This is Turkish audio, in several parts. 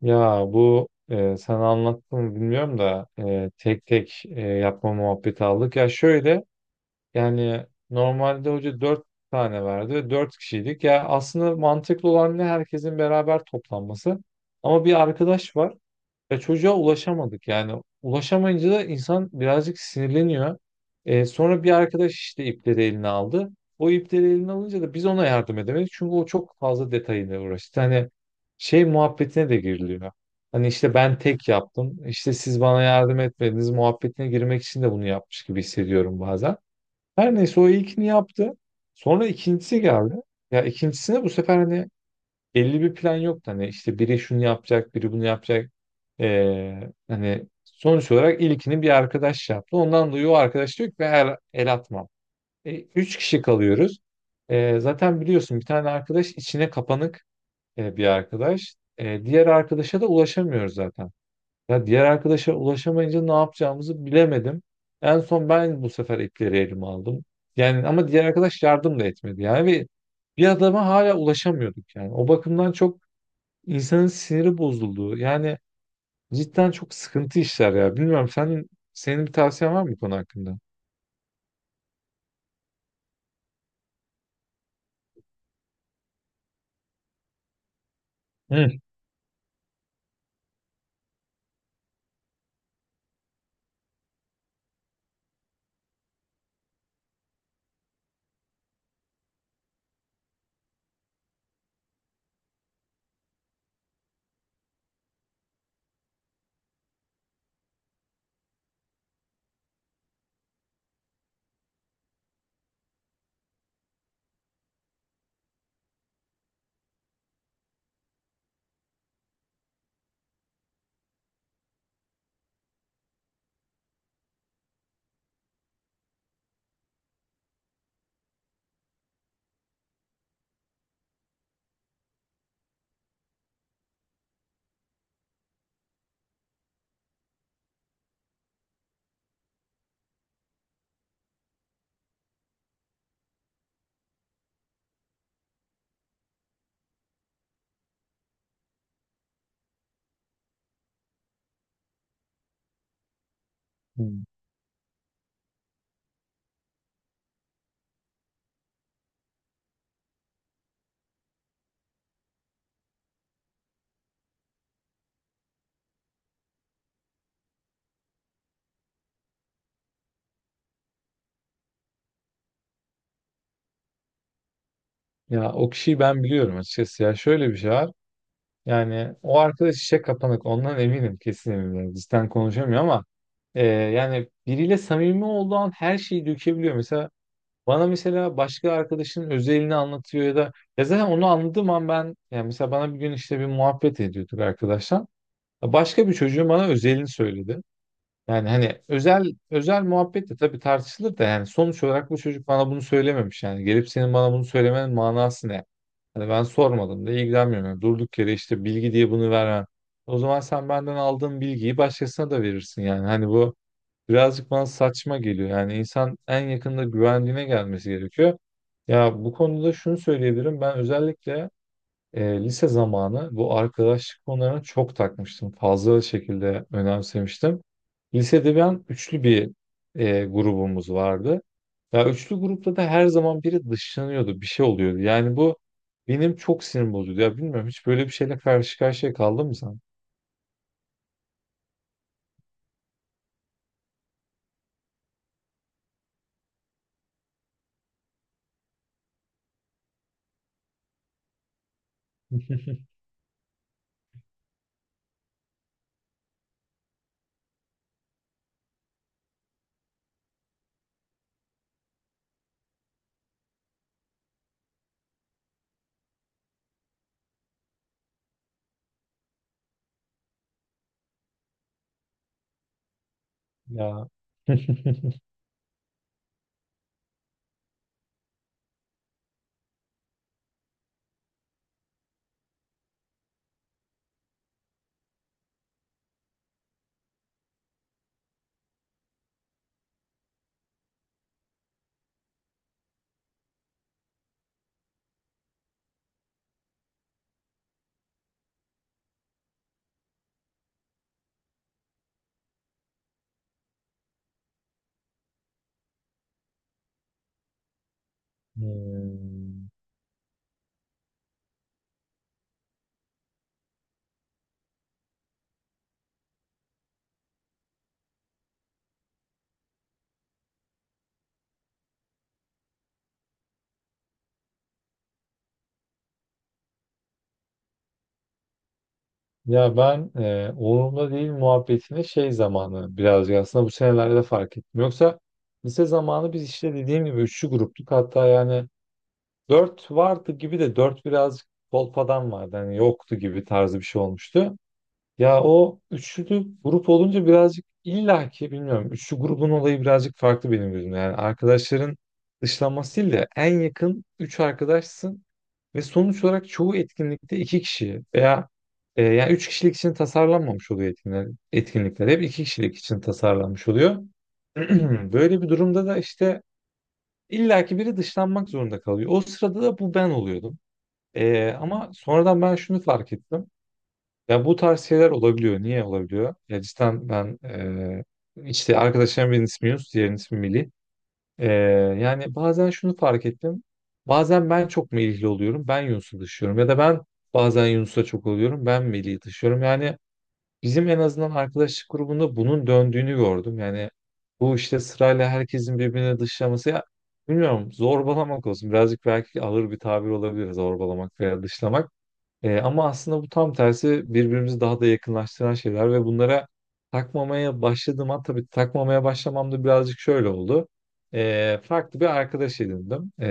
Ya bu sen anlattın mı bilmiyorum da tek tek yapma muhabbeti aldık. Ya şöyle yani normalde hoca 4 tane verdi. Dört kişiydik. Ya aslında mantıklı olan ne herkesin beraber toplanması. Ama bir arkadaş var. Ya çocuğa ulaşamadık yani. Ulaşamayınca da insan birazcık sinirleniyor. Sonra bir arkadaş işte ipleri eline aldı. O ipleri eline alınca da biz ona yardım edemedik. Çünkü o çok fazla detayıyla uğraştı. Hani şey muhabbetine de giriliyor. Hani işte ben tek yaptım. İşte siz bana yardım etmediniz muhabbetine girmek için de bunu yapmış gibi hissediyorum bazen. Her neyse o ilkini yaptı. Sonra ikincisi geldi. Ya ikincisine bu sefer hani belli bir plan yoktu. Hani işte biri şunu yapacak, biri bunu yapacak. Hani sonuç olarak ilkini bir arkadaş yaptı. Ondan dolayı o arkadaş diyor ki ben el atmam. E, 3 kişi kalıyoruz. E, zaten biliyorsun bir tane arkadaş içine kapanık bir arkadaş. E, diğer arkadaşa da ulaşamıyoruz zaten. Ya diğer arkadaşa ulaşamayınca ne yapacağımızı bilemedim. En son ben bu sefer ipleri elime aldım. Yani ama diğer arkadaş yardım da etmedi. Yani ve bir adama hala ulaşamıyorduk yani. O bakımdan çok insanın siniri bozulduğu yani cidden çok sıkıntı işler ya. Bilmiyorum sen, senin bir tavsiyen var mı bu konu hakkında? Hı. Hmm. Ya o kişiyi ben biliyorum açıkçası ya şöyle bir şey var. Yani o arkadaş işe kapanık ondan eminim kesin eminim. Yani cidden konuşamıyor ama yani biriyle samimi olduğu an her şeyi dökebiliyor. Mesela bana mesela başka arkadaşının özelini anlatıyor ya da ya zaten onu anladığım an ben yani mesela bana bir gün işte bir muhabbet ediyorduk arkadaşlar. Başka bir çocuğun bana özelini söyledi. Yani hani özel özel muhabbet de tabii tartışılır da yani sonuç olarak bu çocuk bana bunu söylememiş yani. Gelip senin bana bunu söylemenin manası ne? Hani ben sormadım da ilgilenmiyorum. Yani durduk yere işte bilgi diye bunu vermem. O zaman sen benden aldığın bilgiyi başkasına da verirsin yani. Hani bu birazcık bana saçma geliyor. Yani insan en yakında güvendiğine gelmesi gerekiyor. Ya bu konuda şunu söyleyebilirim. Ben özellikle lise zamanı bu arkadaşlık konularına çok takmıştım. Fazla şekilde önemsemiştim. Lisede ben üçlü bir grubumuz vardı. Ya üçlü grupta da her zaman biri dışlanıyordu, bir şey oluyordu. Yani bu benim çok sinir bozuyordu. Ya bilmiyorum hiç böyle bir şeyle karşı karşıya kaldın mı sen? Ya. Hmm. Ya ben umurumda değil muhabbetini şey zamanı birazcık aslında bu senelerde fark ettim. Yoksa lise zamanı biz işte dediğim gibi üçlü gruptuk. Hatta yani dört vardı gibi de dört birazcık kolpadan vardı. Hani yoktu gibi tarzı bir şey olmuştu. Ya o üçlü grup olunca birazcık illaki bilmiyorum. Üçlü grubun olayı birazcık farklı benim gözümde. Yani arkadaşların dışlanması değil de en yakın üç arkadaşsın ve sonuç olarak çoğu etkinlikte 2 kişi veya yani 3 kişilik için tasarlanmamış oluyor etkinlikler. Etkinlikler hep 2 kişilik için tasarlanmış oluyor. Böyle bir durumda da işte illaki biri dışlanmak zorunda kalıyor. O sırada da bu ben oluyordum. Ama sonradan ben şunu fark ettim. Ya bu tarz şeyler olabiliyor. Niye olabiliyor? Ya cidden ben işte arkadaşlarım birinin ismi Yunus, diğerinin ismi Melih. Eee, yani bazen şunu fark ettim. Bazen ben çok Melihli oluyorum, ben Yunus'u dışlıyorum. Ya da ben bazen Yunus'a çok oluyorum, ben Melih'i dışlıyorum. Yani bizim en azından arkadaşlık grubunda bunun döndüğünü gördüm. Yani bu işte sırayla herkesin birbirini dışlaması ya bilmiyorum zorbalamak olsun. Birazcık belki ağır bir tabir olabilir zorbalamak veya dışlamak. Ama aslında bu tam tersi birbirimizi daha da yakınlaştıran şeyler ve bunlara takmamaya başladım. Ha, tabii takmamaya başlamam da birazcık şöyle oldu. E, farklı bir arkadaş edindim.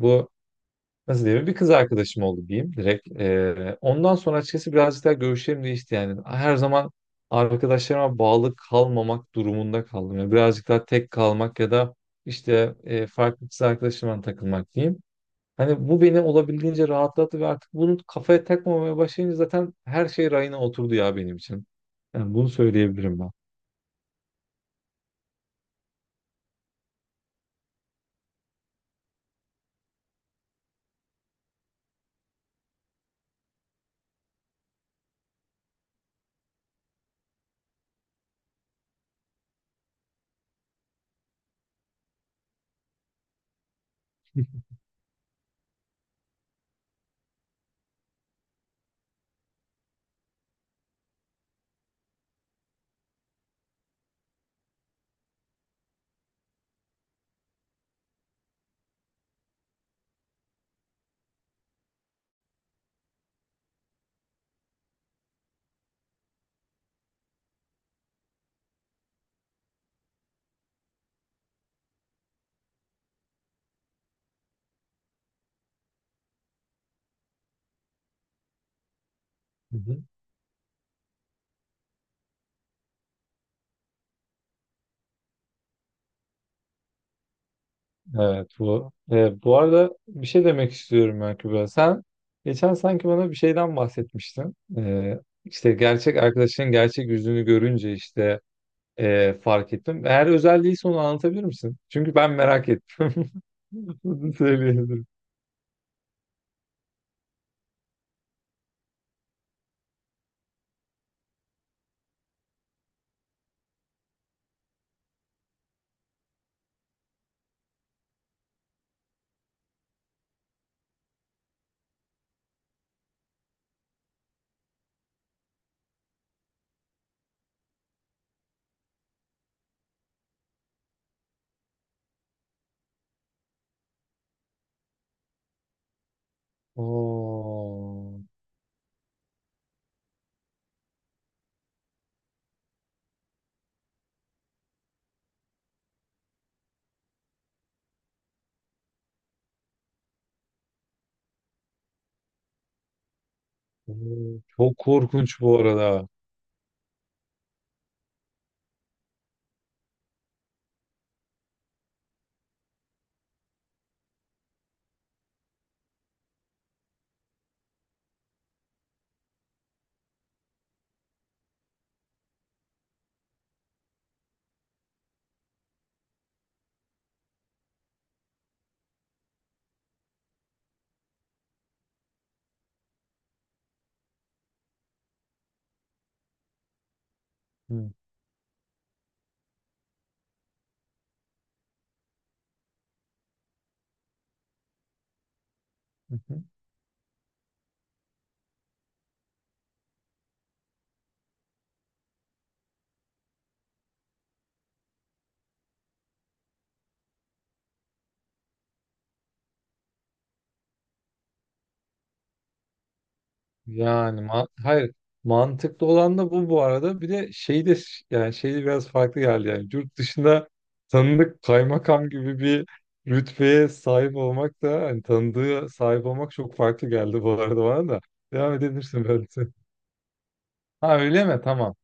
Bu nasıl diyeyim bir kız arkadaşım oldu diyeyim direkt. E, ondan sonra açıkçası birazcık daha görüşlerim değişti yani. Her zaman arkadaşlarıma bağlı kalmamak durumunda kaldım. Yani birazcık daha tek kalmak ya da işte farklı kız arkadaşımla takılmak diyeyim. Hani bu beni olabildiğince rahatlattı ve artık bunu kafaya takmamaya başlayınca zaten her şey rayına oturdu ya benim için. Yani bunu söyleyebilirim ben. Hı hı. Evet bu. Bu arada bir şey demek istiyorum ben Kübra. Sen geçen sanki bana bir şeyden bahsetmiştin. İşte gerçek arkadaşının gerçek yüzünü görünce işte fark ettim. Eğer özel değilse onu anlatabilir misin? Çünkü ben merak ettim. Bunu söyleyebilirim. Oo, oo, çok korkunç bu arada. Hı hı. Yani ma- hayır mantıklı olan da bu bu arada. Bir de şey de yani şey de biraz farklı geldi yani. Yurt dışında tanıdık kaymakam gibi bir rütbeye sahip olmak da hani tanıdığı sahip olmak çok farklı geldi bu arada bana da. Devam edebilirsin belki. Ha öyle mi? Tamam.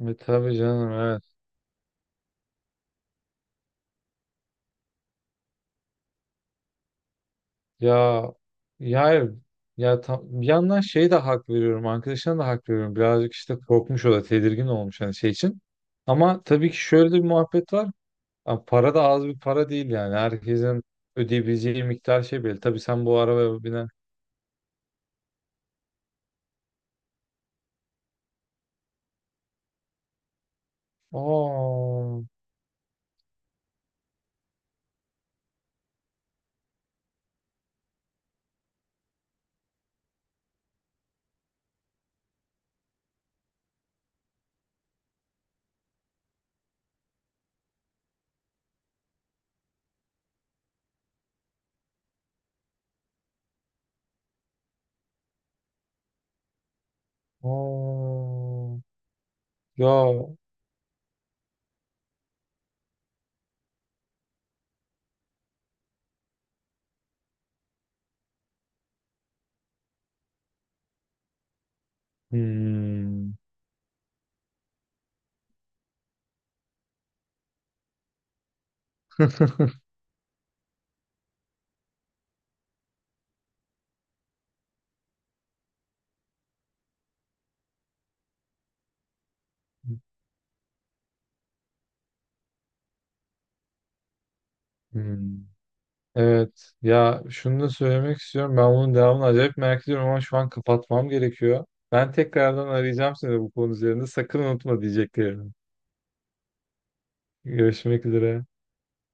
E, tabii canım evet. Ya ya hayır. Ya tam, bir yandan şey de hak veriyorum. Arkadaşına da hak veriyorum. Birazcık işte korkmuş o da tedirgin olmuş hani şey için. Ama tabii ki şöyle de bir muhabbet var. Abi para da az bir para değil yani. Herkesin ödeyebileceği miktar şey belli. Tabii sen bu arabaya binen. Aa, aa, ya. Hmm. Hmm. Evet. Ya şunu da söylemek istiyorum. Ben bunun devamını acayip merak ediyorum ama şu an kapatmam gerekiyor. Ben tekrardan arayacağım seni bu konu üzerinde. Sakın unutma diyeceklerini. Görüşmek üzere.